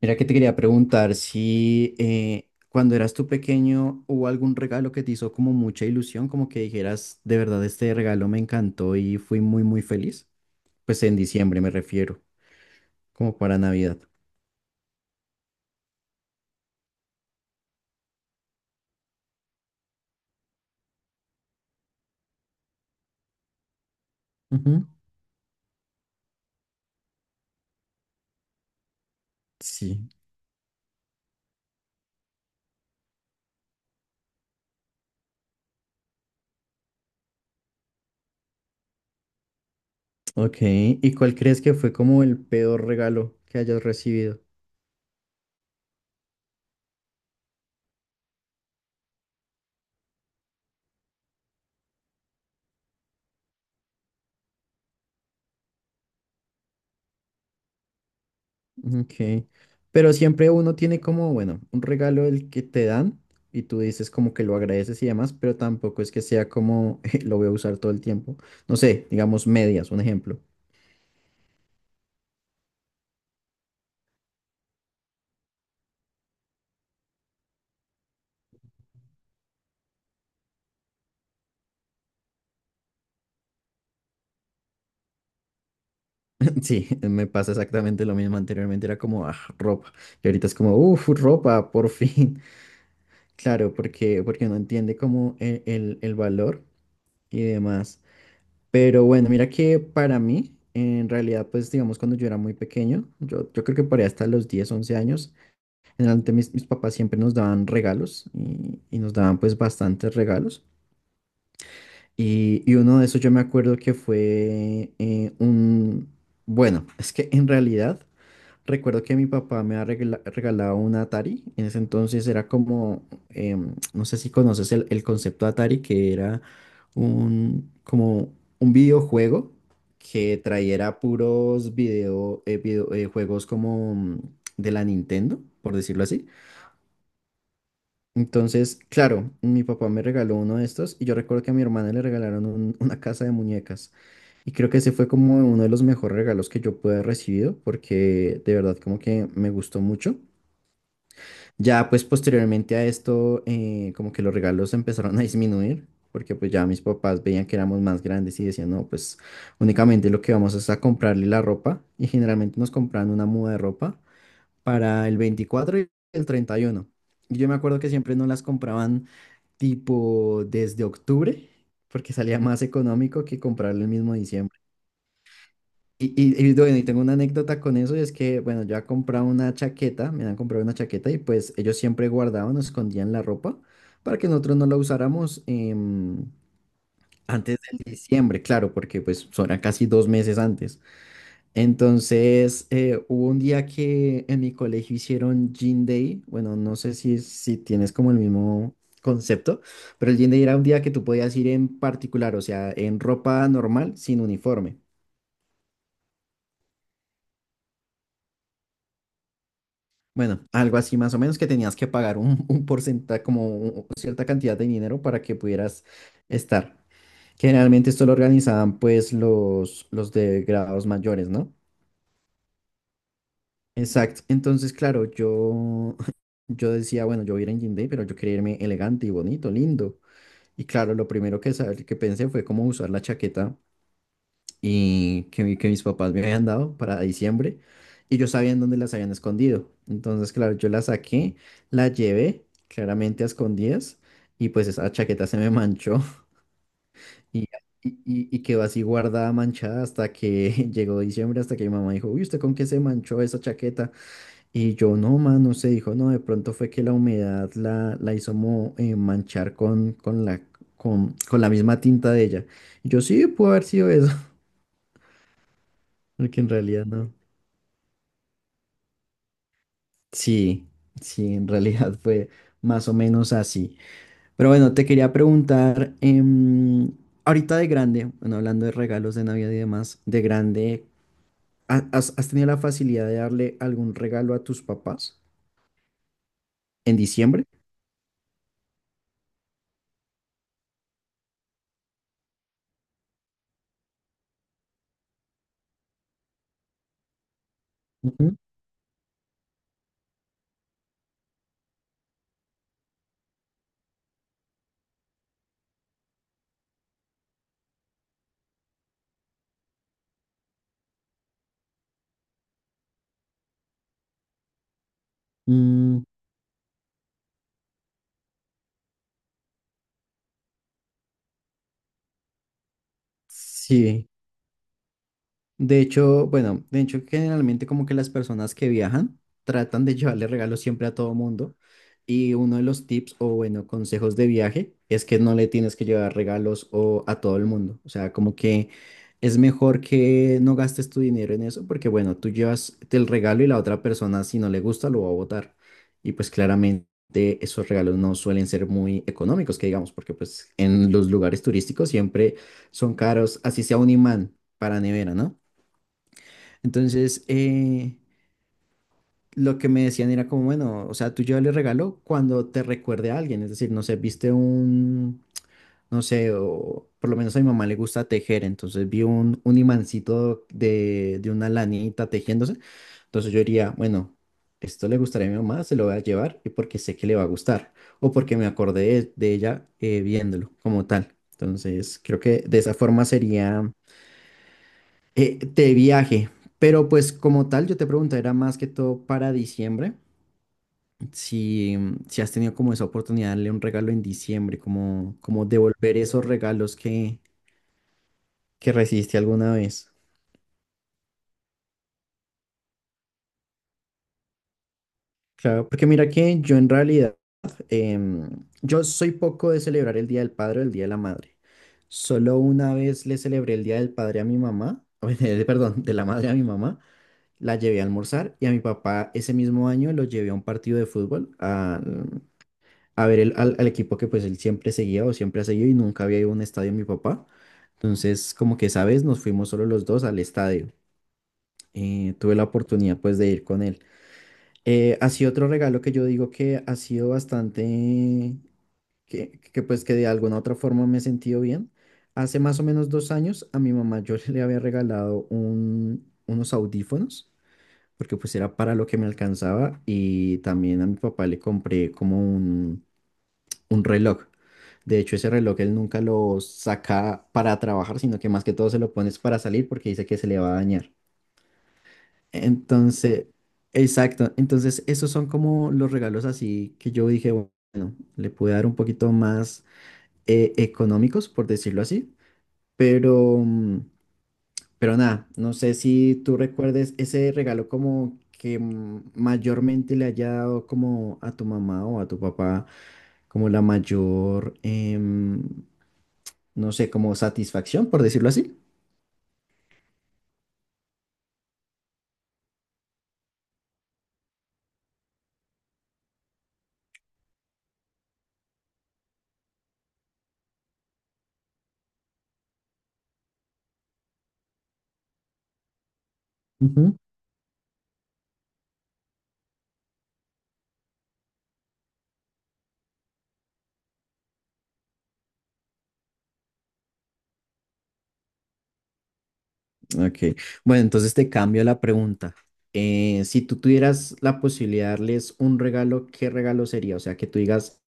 Mira que te quería preguntar si cuando eras tú pequeño hubo algún regalo que te hizo como mucha ilusión, como que dijeras, de verdad este regalo me encantó y fui muy muy feliz. Pues en diciembre me refiero, como para Navidad. Ujú, sí, ok. ¿Y cuál crees que fue como el peor regalo que hayas recibido? Ok. Pero siempre uno tiene como, bueno, un regalo el que te dan y tú dices como que lo agradeces y demás, pero tampoco es que sea como lo voy a usar todo el tiempo. No sé, digamos medias, un ejemplo. Sí, me pasa exactamente lo mismo. Anteriormente era como "Ah, ropa y ahorita es como, uff, ropa, por fin. Claro, porque no entiende como el valor y demás. Pero bueno, mira que para mí, en realidad, pues digamos cuando yo era muy pequeño, yo creo que por ahí hasta los 10 11 años. Generalmente mis papás siempre nos daban regalos y nos daban pues bastantes regalos. Y uno de esos yo me acuerdo que fue un... Bueno, es que en realidad recuerdo que mi papá me ha regalado un Atari. En ese entonces era como, no sé si conoces el concepto Atari, que era un, como un videojuego que trayera puros juegos como de la Nintendo, por decirlo así. Entonces, claro, mi papá me regaló uno de estos y yo recuerdo que a mi hermana le regalaron una casa de muñecas y creo que ese fue como uno de los mejores regalos que yo pude haber recibido porque de verdad como que me gustó mucho. Ya pues posteriormente a esto como que los regalos empezaron a disminuir porque pues ya mis papás veían que éramos más grandes y decían no, pues únicamente lo que vamos es a comprarle la ropa y generalmente nos compraban una muda de ropa para el 24 y el 31. Y uno. Y yo me acuerdo que siempre no las compraban tipo desde octubre, porque salía más económico que comprarlo el mismo diciembre. Y bueno, y tengo una anécdota con eso, y es que, bueno, yo he comprado una chaqueta, me han comprado una chaqueta y pues ellos siempre guardaban o escondían la ropa para que nosotros no la usáramos, antes del diciembre, claro, porque pues son casi 2 meses antes. Entonces, hubo un día que en mi colegio hicieron Gin Day. Bueno, no sé si tienes como el mismo concepto, pero el Gin Day era un día que tú podías ir en particular, o sea, en ropa normal, sin uniforme. Bueno, algo así más o menos que tenías que pagar un porcentaje, como cierta cantidad de dinero para que pudieras estar. Generalmente esto lo organizaban pues los de grados mayores, ¿no? Exacto. Entonces, claro, yo, yo decía, bueno, yo voy a ir en jean day, pero yo quería irme elegante y bonito, lindo. Y claro, lo primero que, que pensé fue cómo usar la chaqueta y que, que mis papás me habían dado para diciembre. Y yo sabía en dónde las habían escondido. Entonces, claro, yo la saqué, la llevé claramente a escondidas y pues esa chaqueta se me manchó y, y quedó así guardada, manchada hasta que llegó diciembre, hasta que mi mamá dijo, uy, ¿usted con qué se manchó esa chaqueta? Y yo, no, man, no sé, dijo, no, de pronto fue que la humedad la hizo manchar con la misma tinta de ella. Y yo, sí, pudo haber sido eso, porque en realidad no. Sí, sí, en realidad fue más o menos así. Pero bueno, te quería preguntar, ahorita de grande, bueno, hablando de regalos de Navidad y demás, de grande, has tenido la facilidad de darle algún regalo a tus papás en diciembre? Ujú, mm, sí. De hecho, bueno, de hecho generalmente como que las personas que viajan tratan de llevarle regalos siempre a todo mundo y uno de los tips o bueno, consejos de viaje es que no le tienes que llevar regalos o a todo el mundo, o sea, como que es mejor que no gastes tu dinero en eso porque bueno, tú llevas el regalo y la otra persona si no le gusta lo va a botar y pues claramente esos regalos no suelen ser muy económicos que digamos porque pues en los lugares turísticos siempre son caros, así sea un imán para nevera, ¿no? Entonces, lo que me decían era como, bueno, o sea, tú llévale el regalo cuando te recuerde a alguien, es decir, no sé, viste un, no sé, o por lo menos a mi mamá le gusta tejer, entonces vi un imancito de una lanita tejiéndose, entonces yo diría, bueno, esto le gustaría a mi mamá, se lo voy a llevar y porque sé que le va a gustar, o porque me acordé de ella, viéndolo como tal. Entonces, creo que de esa forma sería, de viaje, pero pues como tal, yo te pregunto, era más que todo para diciembre, si, si has tenido como esa oportunidad de darle un regalo en diciembre, como, como devolver esos regalos que recibiste alguna vez. Claro, porque mira que yo en realidad, em, yo soy poco de celebrar el Día del Padre o el Día de la Madre. Solo una vez le celebré el Día del Padre a mi mamá, perdón, de la Madre a mi mamá, la llevé a almorzar y a mi papá ese mismo año lo llevé a un partido de fútbol, a ver al equipo que pues él siempre seguía o siempre ha seguido y nunca había ido a un estadio mi papá. Entonces, como que esa vez nos fuimos solo los dos al estadio. Tuve la oportunidad pues de ir con él. Así otro regalo que yo digo que ha sido bastante, que pues que de alguna u otra forma me he sentido bien. Hace más o menos 2 años a mi mamá yo le había regalado unos audífonos, porque pues era para lo que me alcanzaba y también a mi papá le compré como un reloj. De hecho, ese reloj él nunca lo saca para trabajar, sino que más que todo se lo pones para salir porque dice que se le va a dañar. Entonces, exacto. Entonces, esos son como los regalos así que yo dije, bueno, le pude dar un poquito más, económicos, por decirlo así. Pero, mm, pero nada, no sé si tú recuerdes ese regalo como que mayormente le haya dado como a tu mamá o a tu papá como la mayor, no sé, como satisfacción, por decirlo así. Ujú, ok. Bueno, entonces te cambio la pregunta. Si tú tuvieras la posibilidad de darles un regalo, ¿qué regalo sería? O sea, que tú digas,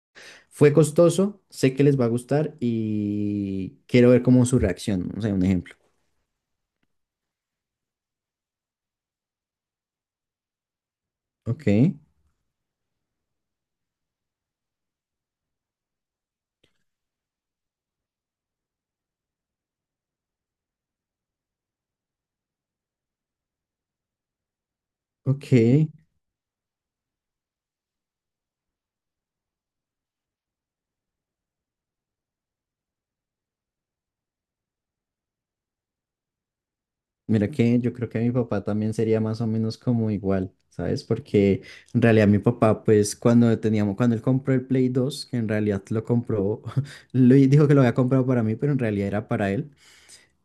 fue costoso, sé que les va a gustar y quiero ver cómo su reacción. O sea, un ejemplo. Ok, ok. Mira que yo creo que mi papá también sería más o menos como igual, ¿sabes? Porque en realidad mi papá, pues cuando teníamos, cuando él compró el Play 2, que en realidad lo compró, lo, dijo que lo había comprado para mí, pero en realidad era para él.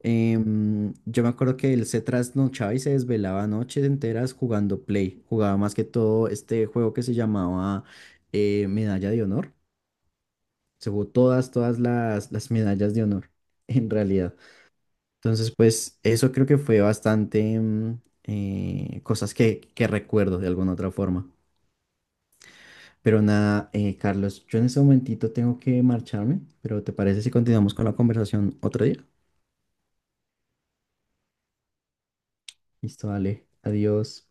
Yo me acuerdo que él se trasnochaba y se desvelaba noches enteras jugando Play. Jugaba más que todo este juego que se llamaba, Medalla de Honor. Se jugó todas las medallas de honor, en realidad. Entonces, pues eso creo que fue bastante, cosas que recuerdo de alguna otra forma. Pero nada, Carlos, yo en este momentito tengo que marcharme, pero ¿te parece si continuamos con la conversación otro día? Listo, dale, adiós.